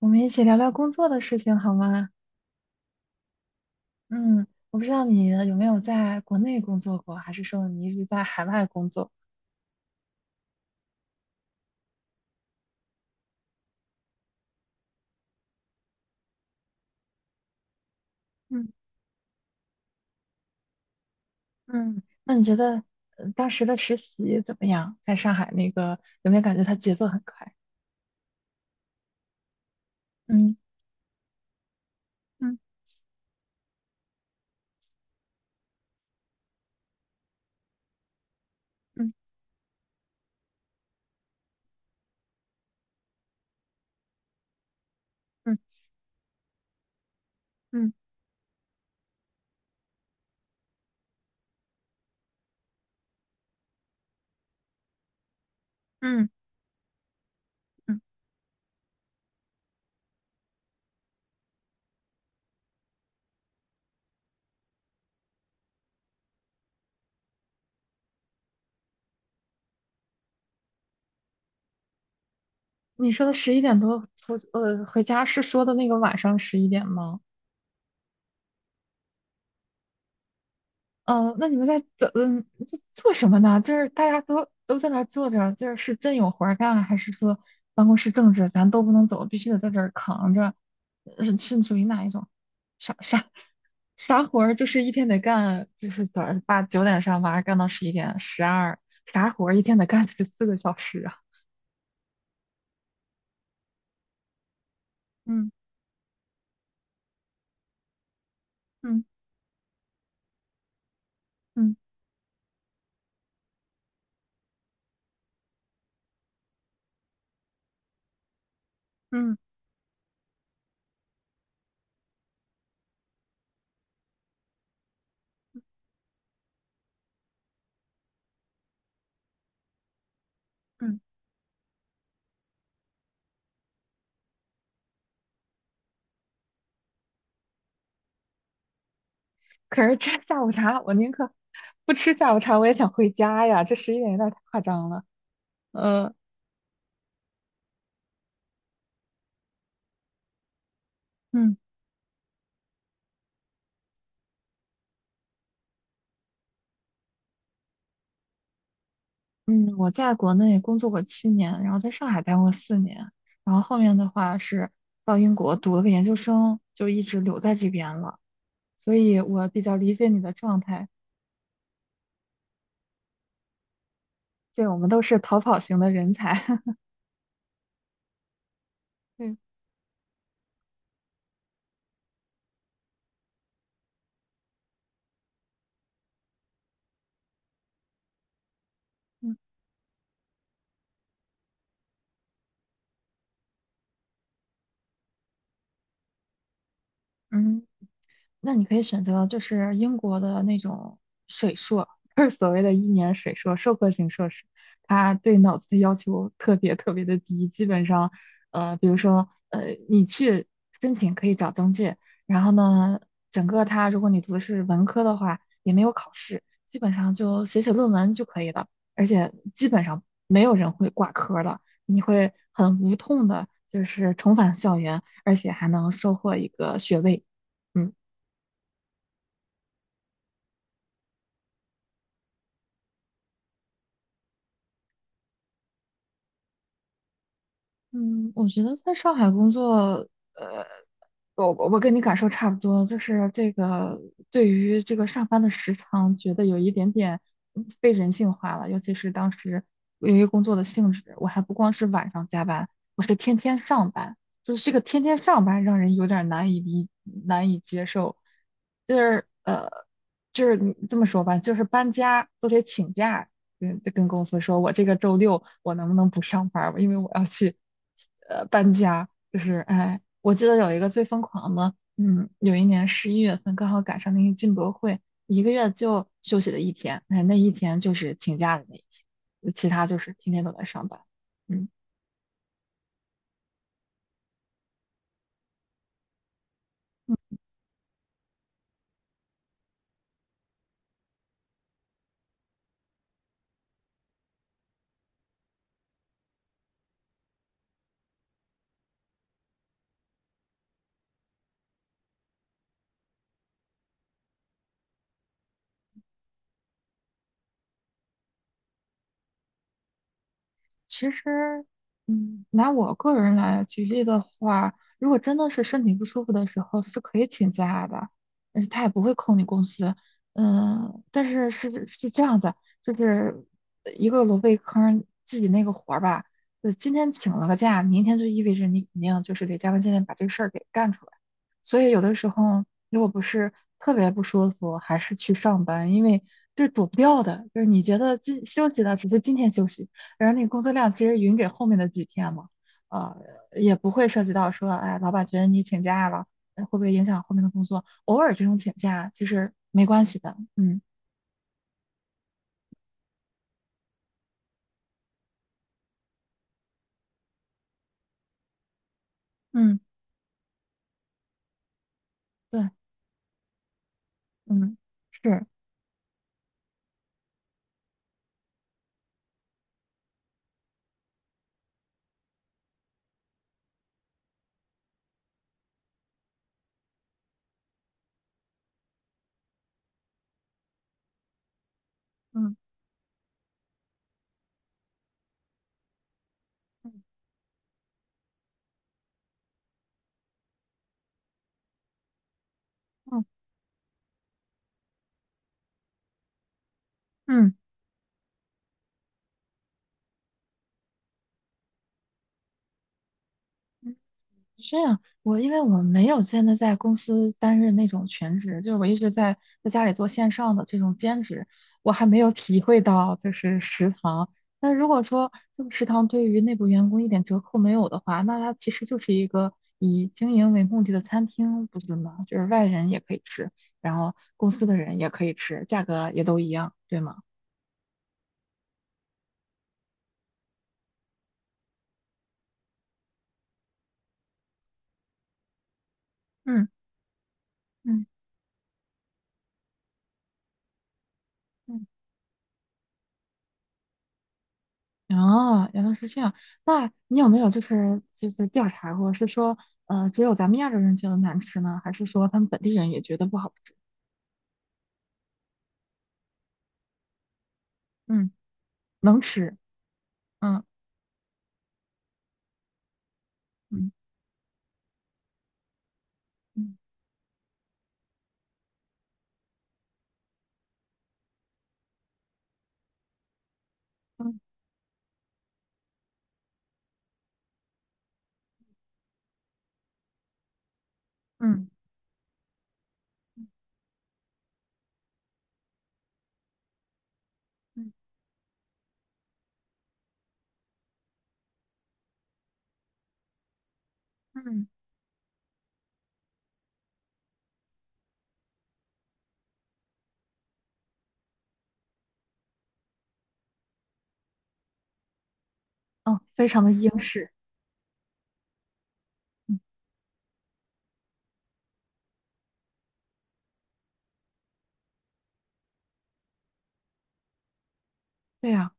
我们一起聊聊工作的事情好吗？嗯，我不知道你有没有在国内工作过，还是说你一直在海外工作？嗯嗯，那你觉得当时的实习怎么样？在上海那个有没有感觉它节奏很快？嗯嗯嗯嗯嗯嗯嗯，嗯嗯。你说的十一点多出回家是说的那个晚上十一点吗？嗯，那你们在怎嗯在做什么呢？就是大家都在那儿坐着，就是真有活儿干，还是说办公室政治咱都不能走，必须得在这儿扛着？是属于哪一种？啥啥啥活儿？就是一天得干，就是早上8、9点上班，干到十一点、12，啥活儿一天得干14个小时啊？嗯嗯嗯嗯嗯。可是这下午茶，我宁可不吃下午茶，我也想回家呀。这十一点有点太夸张了。呃嗯。嗯，我在国内工作过7年，然后在上海待过4年，然后后面的话是到英国读了个研究生，就一直留在这边了。所以我比较理解你的状态，对，我们都是逃跑型的人才。对，嗯嗯。那你可以选择就是英国的那种水硕，就是所谓的一年水硕，授课型硕士，它对脑子的要求特别特别的低，基本上，比如说，你去申请可以找中介，然后呢，整个它如果你读的是文科的话，也没有考试，基本上就写写论文就可以了，而且基本上没有人会挂科的，你会很无痛的，就是重返校园，而且还能收获一个学位。嗯。嗯，我觉得在上海工作，呃，我跟你感受差不多，就是这个对于这个上班的时长，觉得有一点点被人性化了，尤其是当时由于工作的性质，我还不光是晚上加班，我是天天上班，就是这个天天上班让人有点难以接受，就是就是你这么说吧，就是搬家都得请假，跟公司说，我这个周六我能不能不上班儿吧，因为我要去搬家。就是哎，我记得有一个最疯狂的，有一年11月份刚好赶上那个进博会，一个月就休息了一天，哎，那一天就是请假的那一天，其他就是天天都在上班。嗯。其实，拿我个人来举例的话，如果真的是身体不舒服的时候，是可以请假的，而且他也不会扣你工资。嗯，但是是这样的，就是一个萝卜一坑，自己那个活儿吧，今天请了个假，明天就意味着你肯定就是得加班加点把这个事儿给干出来。所以有的时候，如果不是特别不舒服，还是去上班，因为就是躲不掉的，就是你觉得今休息了，只是今天休息。然后那个工作量其实匀给后面的几天嘛，呃，也不会涉及到说，哎，老板觉得你请假了，会不会影响后面的工作？偶尔这种请假其实没关系的。嗯嗯，对，嗯，是，嗯嗯嗯嗯。这样，我因为我没有现在在公司担任那种全职，就是我一直在家里做线上的这种兼职，我还没有体会到就是食堂。那如果说这个食堂对于内部员工一点折扣没有的话，那它其实就是一个以经营为目的的餐厅，不是吗？就是外人也可以吃，然后公司的人也可以吃，价格也都一样，对吗？嗯嗯。哦，原来是这样。那你有没有就是调查过，是说只有咱们亚洲人觉得难吃呢，还是说他们本地人也觉得不好吃？嗯，能吃。嗯嗯嗯嗯嗯嗯嗯嗯嗯，非常的英式。嗯，对呀，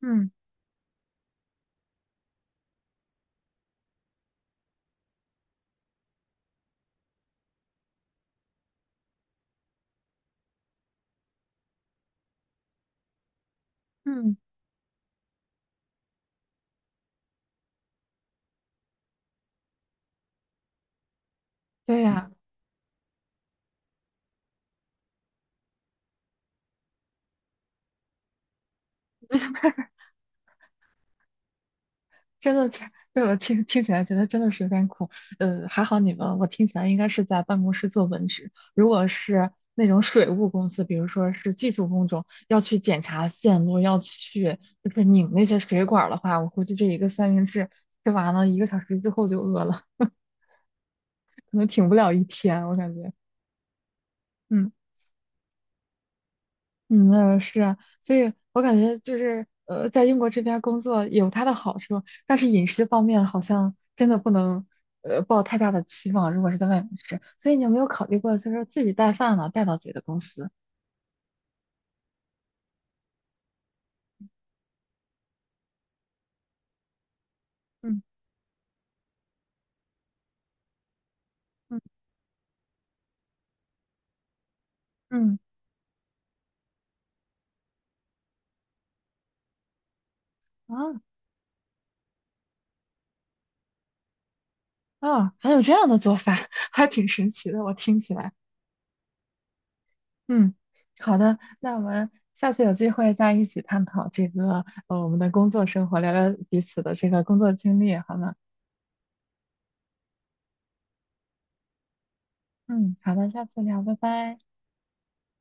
嗯嗯，对呀，真的这对我听起来觉得真的是有点苦。还好你们，我听起来应该是在办公室做文职。如果是那种水务公司，比如说是技术工种，要去检查线路，要去就是拧那些水管儿的话，我估计这一个三明治吃完了一个小时之后就饿了，可能挺不了一天，我感觉。嗯。嗯，是啊，所以我感觉就是在英国这边工作有它的好处，但是饮食方面好像真的不能抱太大的期望，如果是在外面吃，所以你有没有考虑过，就是自己带饭了，带到自己的公司？嗯嗯嗯，啊啊，还有这样的做法，还挺神奇的，我听起来。嗯，好的，那我们下次有机会再一起探讨这个我们的工作生活，聊聊彼此的这个工作经历，好吗？嗯，好的，下次聊，拜拜。